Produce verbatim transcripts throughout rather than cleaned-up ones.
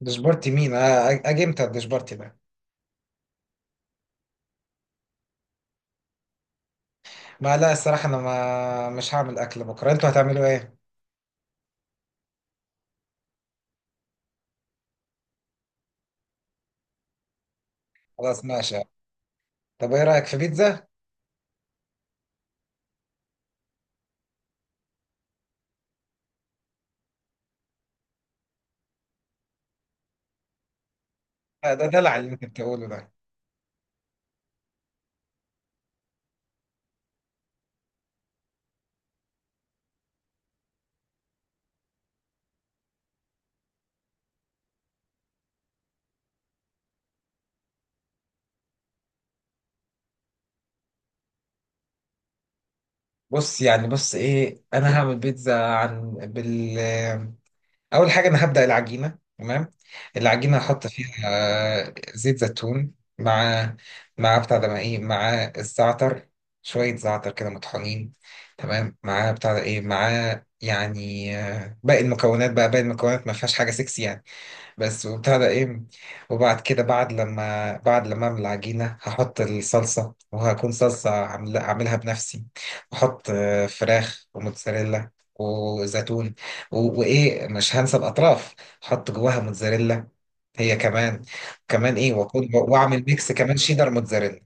دشبارتي مين؟ آه، اجي امتى الدشبارتي ده؟ ما لا الصراحه انا ما مش هعمل اكل بكره. انتوا هتعملوا ايه؟ خلاص ماشي. طب ايه رايك في بيتزا؟ آه، ده دلع اللي انت بتقوله ده. بص يعني بص ايه، انا هعمل بيتزا عن بال. اول حاجه انا هبدا العجينه، تمام؟ العجينه هحط اه فيها آه، زيت زيتون، مع مع بتاع ده مع ايه مع الزعتر، شويه زعتر كده مطحونين، تمام، مع بتاع ده ايه مع. يعني آه، باقي المكونات بقى، باقي المكونات ما فيهاش حاجه سكسي يعني، بس وبتاع ده ايه. وبعد كده بعد لما بعد لما اعمل العجينه هحط الصلصه، وهكون صلصه عامل- عاملها بنفسي، واحط آه، فراخ وموتزاريلا وزيتون، و- وايه مش هنسى الاطراف. احط جواها موتزاريلا هي كمان. كمان ايه، واكون واعمل ميكس كمان شيدر موتزاريلا.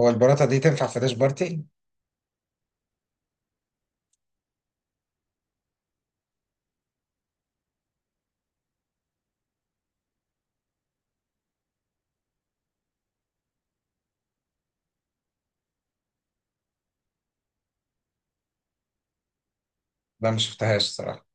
هو البراطه دي تنفع في داش بارتي؟ لا مش شفتهاش صراحه.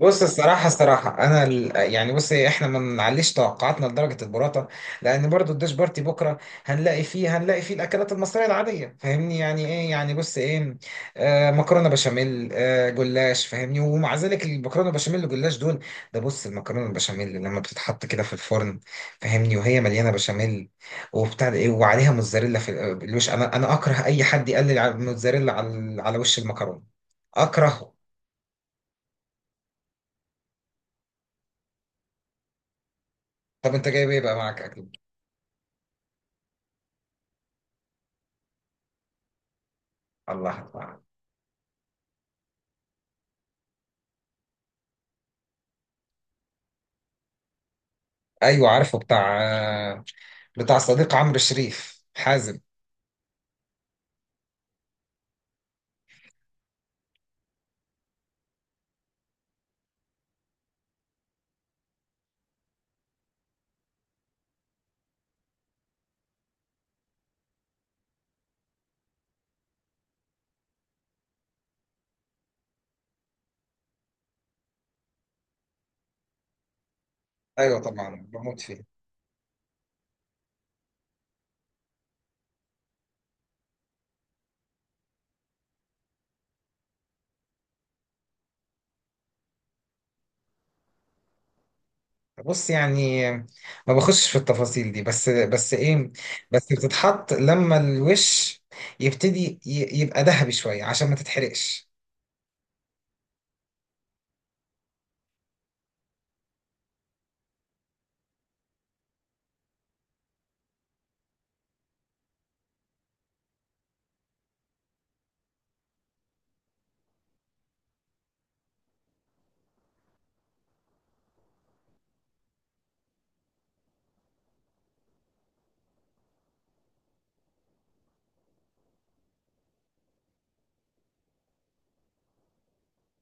بص الصراحة، الصراحة أنا ال- يعني بص إيه، إحنا ما نعليش توقعاتنا لدرجة البراطة، لأن برضو الديش بارتي بكرة هنلاقي فيه هنلاقي فيه الأكلات المصرية العادية. فاهمني يعني إيه، يعني بص إيه، آه مكرونة بشاميل، آه جلاش. فاهمني؟ ومع ذلك المكرونة بشاميل والجلاش دول، ده بص المكرونة البشاميل لما بتتحط كده في الفرن، فاهمني، وهي مليانة بشاميل وبتاع ده إيه، وعليها موتزاريلا في ال- الوش. أنا أنا أكره أي حد يقلل على الموتزاريلا، على على وش المكرونة، أكرهه. طب أنت جايب إيه بقى معاك أكل؟ الله الله. ايوه عارفه بتاع، بتاع صديق عمرو شريف، حازم. ايوه طبعا بموت فيه. بص يعني، ما بخشش في التفاصيل دي، بس بس ايه، بس بتتحط لما الوش يبتدي ي- يبقى ذهبي شويه عشان ما تتحرقش.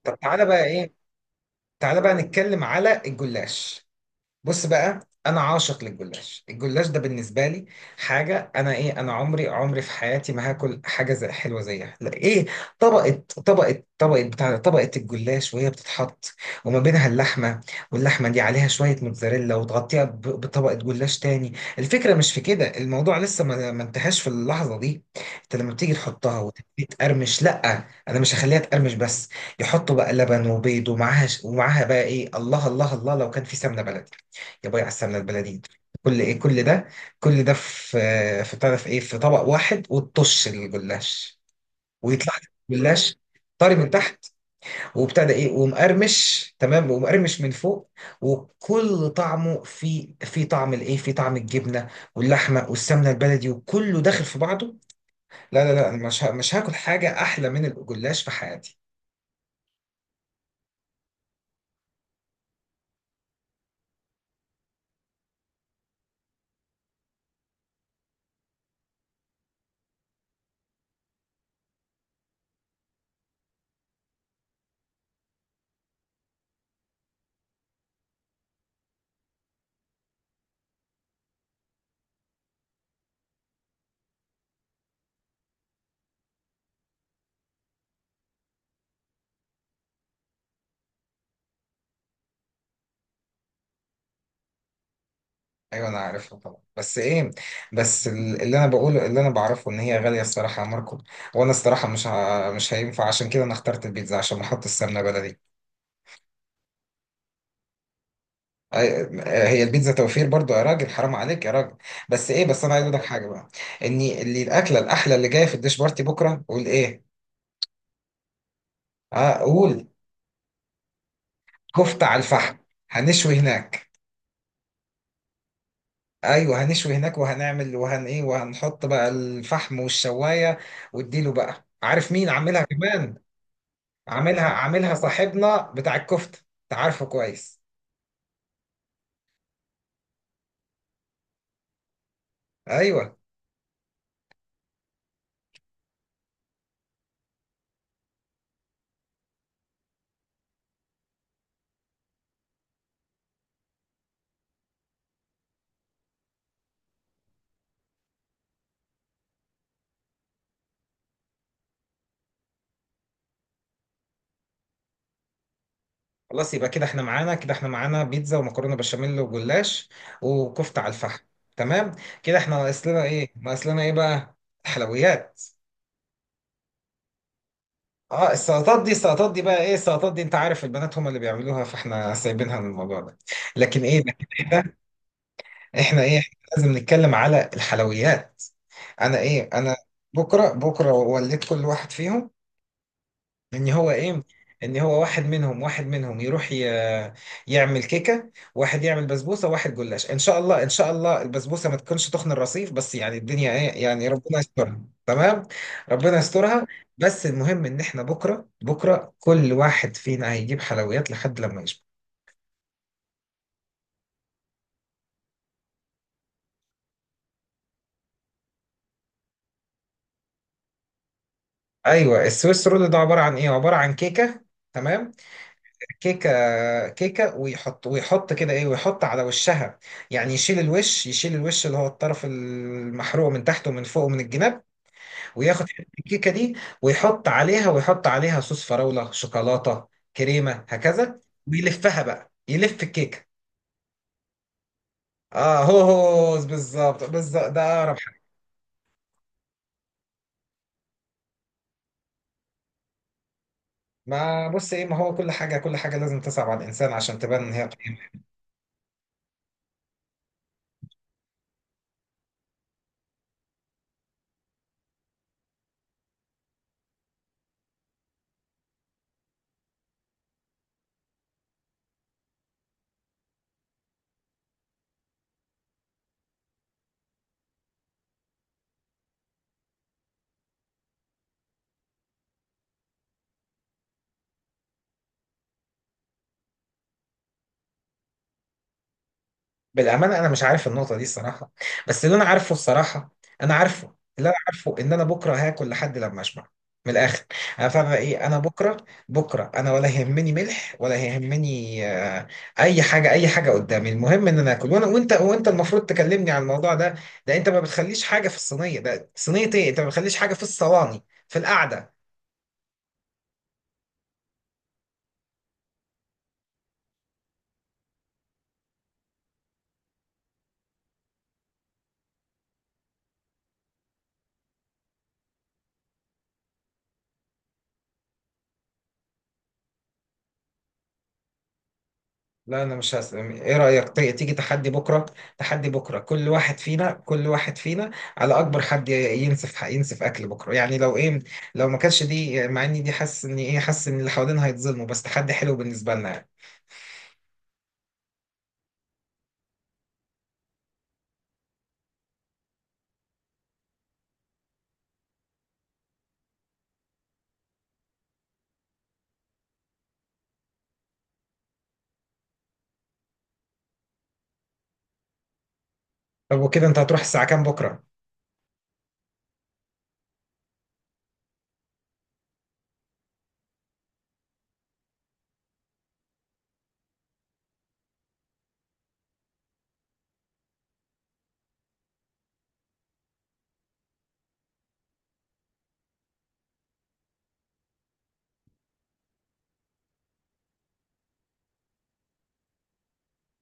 طب تعالى بقى ايه، تعالى بقى نتكلم على الجلاش. بص بقى، انا عاشق للجلاش. الجلاش ده بالنسبه لي حاجه، انا ايه، انا عمري، عمري في حياتي ما هاكل حاجه زي حلوه زيها، لا ايه. طبقه طبقه طبقه بتاع طبقه الجلاش، وهي بتتحط وما بينها اللحمه، واللحمه دي عليها شويه موتزاريلا وتغطيها ب- بطبقه جلاش تاني. الفكره مش في كده، الموضوع لسه ما ما انتهاش في اللحظه دي. انت لما بتيجي تحطها وتبتدي تقرمش، لا انا مش هخليها تقرمش بس. يحطوا بقى لبن وبيض ومعاها، ومعاها بقى ايه، الله الله الله، لو كان في سمنه بلدي، جابوا لي على السمنه البلدي، كل ايه، كل ده، كل ده في في بتعرف ايه، في طبق واحد، وتطش الجلاش، ويطلع لك الجلاش طري من تحت، وابتدى ايه ومقرمش تمام ومقرمش من فوق. وكل طعمه في في طعم الايه، في طعم الجبنه واللحمه والسمنه البلدي وكله داخل في بعضه. لا لا لا، أنا مش ه- مش هاكل حاجه احلى من الجلاش في حياتي. ايوه انا عارفها طبعا، بس ايه، بس ال- اللي انا بقوله، اللي انا بعرفه ان هي غاليه الصراحه يا ماركو. وانا الصراحه مش ه... مش هينفع، عشان كده انا اخترت البيتزا عشان احط السمنه بلدي. أي- هي البيتزا توفير برضو يا راجل، حرام عليك يا راجل. بس ايه، بس انا عايز اقول لك حاجه بقى، ان اللي الاكله الاحلى اللي جايه في الديش بارتي بكره، قول ايه. اه قول، كفته على الفحم. هنشوي هناك. ايوه هنشوي هناك، وهنعمل وهن ايه، وهنحط بقى الفحم والشوايه، واديله بقى. عارف مين عاملها كمان؟ عاملها، عاملها صاحبنا بتاع الكفته، انت عارفه كويس. ايوه. خلاص يبقى كده احنا معانا، كده احنا معانا بيتزا ومكرونه بشاميل وجلاش وكفته على الفحم، تمام. كده احنا ناقص لنا ايه، ناقص لنا ايه بقى، الحلويات. اه السلطات دي، السلطات دي بقى ايه، السلطات دي انت عارف البنات هم اللي بيعملوها، فاحنا سايبينها من الموضوع ده. لكن ايه، لكن احنا، احنا ايه، احنا لازم نتكلم على الحلويات. انا ايه، انا بكره، بكره وليت كل واحد فيهم ان هو ايه، ان هو واحد منهم، واحد منهم يروح ي... يعمل كيكه، واحد يعمل بسبوسه، واحد جلاش، ان شاء الله، ان شاء الله البسبوسه ما تكونش تخن الرصيف، بس يعني الدنيا ايه، يعني ربنا يسترها، تمام، ربنا يسترها. بس المهم ان احنا بكره، بكره كل واحد فينا هيجيب حلويات لحد لما يشبع. ايوه السويس رول ده عباره عن ايه، عباره عن كيكه، تمام، كيكه، كيكه، ويحط، ويحط كده ايه، ويحط على وشها، يعني يشيل الوش، يشيل الوش اللي هو الطرف المحروق من تحت ومن فوق ومن الجناب، وياخد حتة الكيكه دي، ويحط عليها، ويحط عليها صوص فراوله شوكولاته كريمه هكذا، ويلفها بقى، يلف الكيكه. اه هو هو بالظبط، بالظبط ده اقرب حاجه. ما بص ايه، ما هو كل حاجه، كل حاجه لازم تصعب على الانسان عشان تبان ان هي قيمه. بالامانه انا مش عارف النقطه دي الصراحه، بس اللي انا عارفه الصراحه، انا عارفه، اللي انا عارفه ان انا بكره هاكل لحد لما اشبع، من الاخر. انا فاهم ايه، انا بكره، بكره انا ولا يهمني ملح، ولا يهمني آه، اي حاجه، اي حاجه قدامي. المهم ان انا اكل، وانا وانت، وانت المفروض تكلمني عن الموضوع ده. ده انت ما بتخليش حاجه في الصينيه، ده صينيه ايه، انت ما بتخليش حاجه في الصواني في القعده. لا انا مش هس... ايه رأيك تي- تيجي تحدي بكرة، تحدي بكرة كل واحد فينا، كل واحد فينا على اكبر حد ي- ينسف، ينسف اكل بكرة، يعني لو ايه، لو ما كانش دي، مع اني دي حاسس ان ايه، حاسس ان اللي حوالينا هيتظلموا، بس تحدي حلو بالنسبة لنا يعني. طب وكده انت هتروح الساعة كام بكرة؟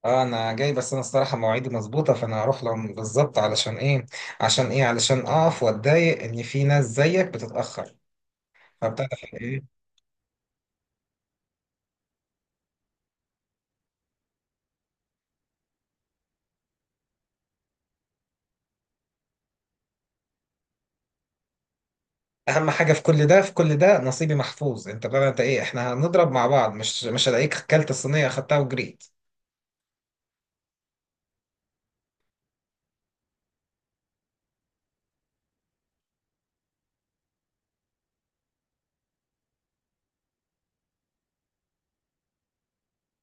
اه انا جاي، بس انا الصراحة مواعيدي مظبوطة، فانا هروح لهم بالظبط، علشان ايه، عشان ايه، علشان اقف واتضايق ان في ناس زيك بتتأخر فبتاع ده. اهم حاجه في كل ده، في كل ده نصيبي محفوظ، انت بقى انت ايه، احنا هنضرب مع بعض، مش مش هلاقيك اكلت الصينيه خدتها وجريت.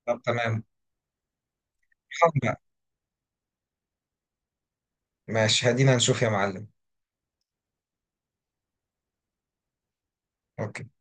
طب تمام، حاضر بقى. ماشي هدينا نشوف يا معلم. اوكي.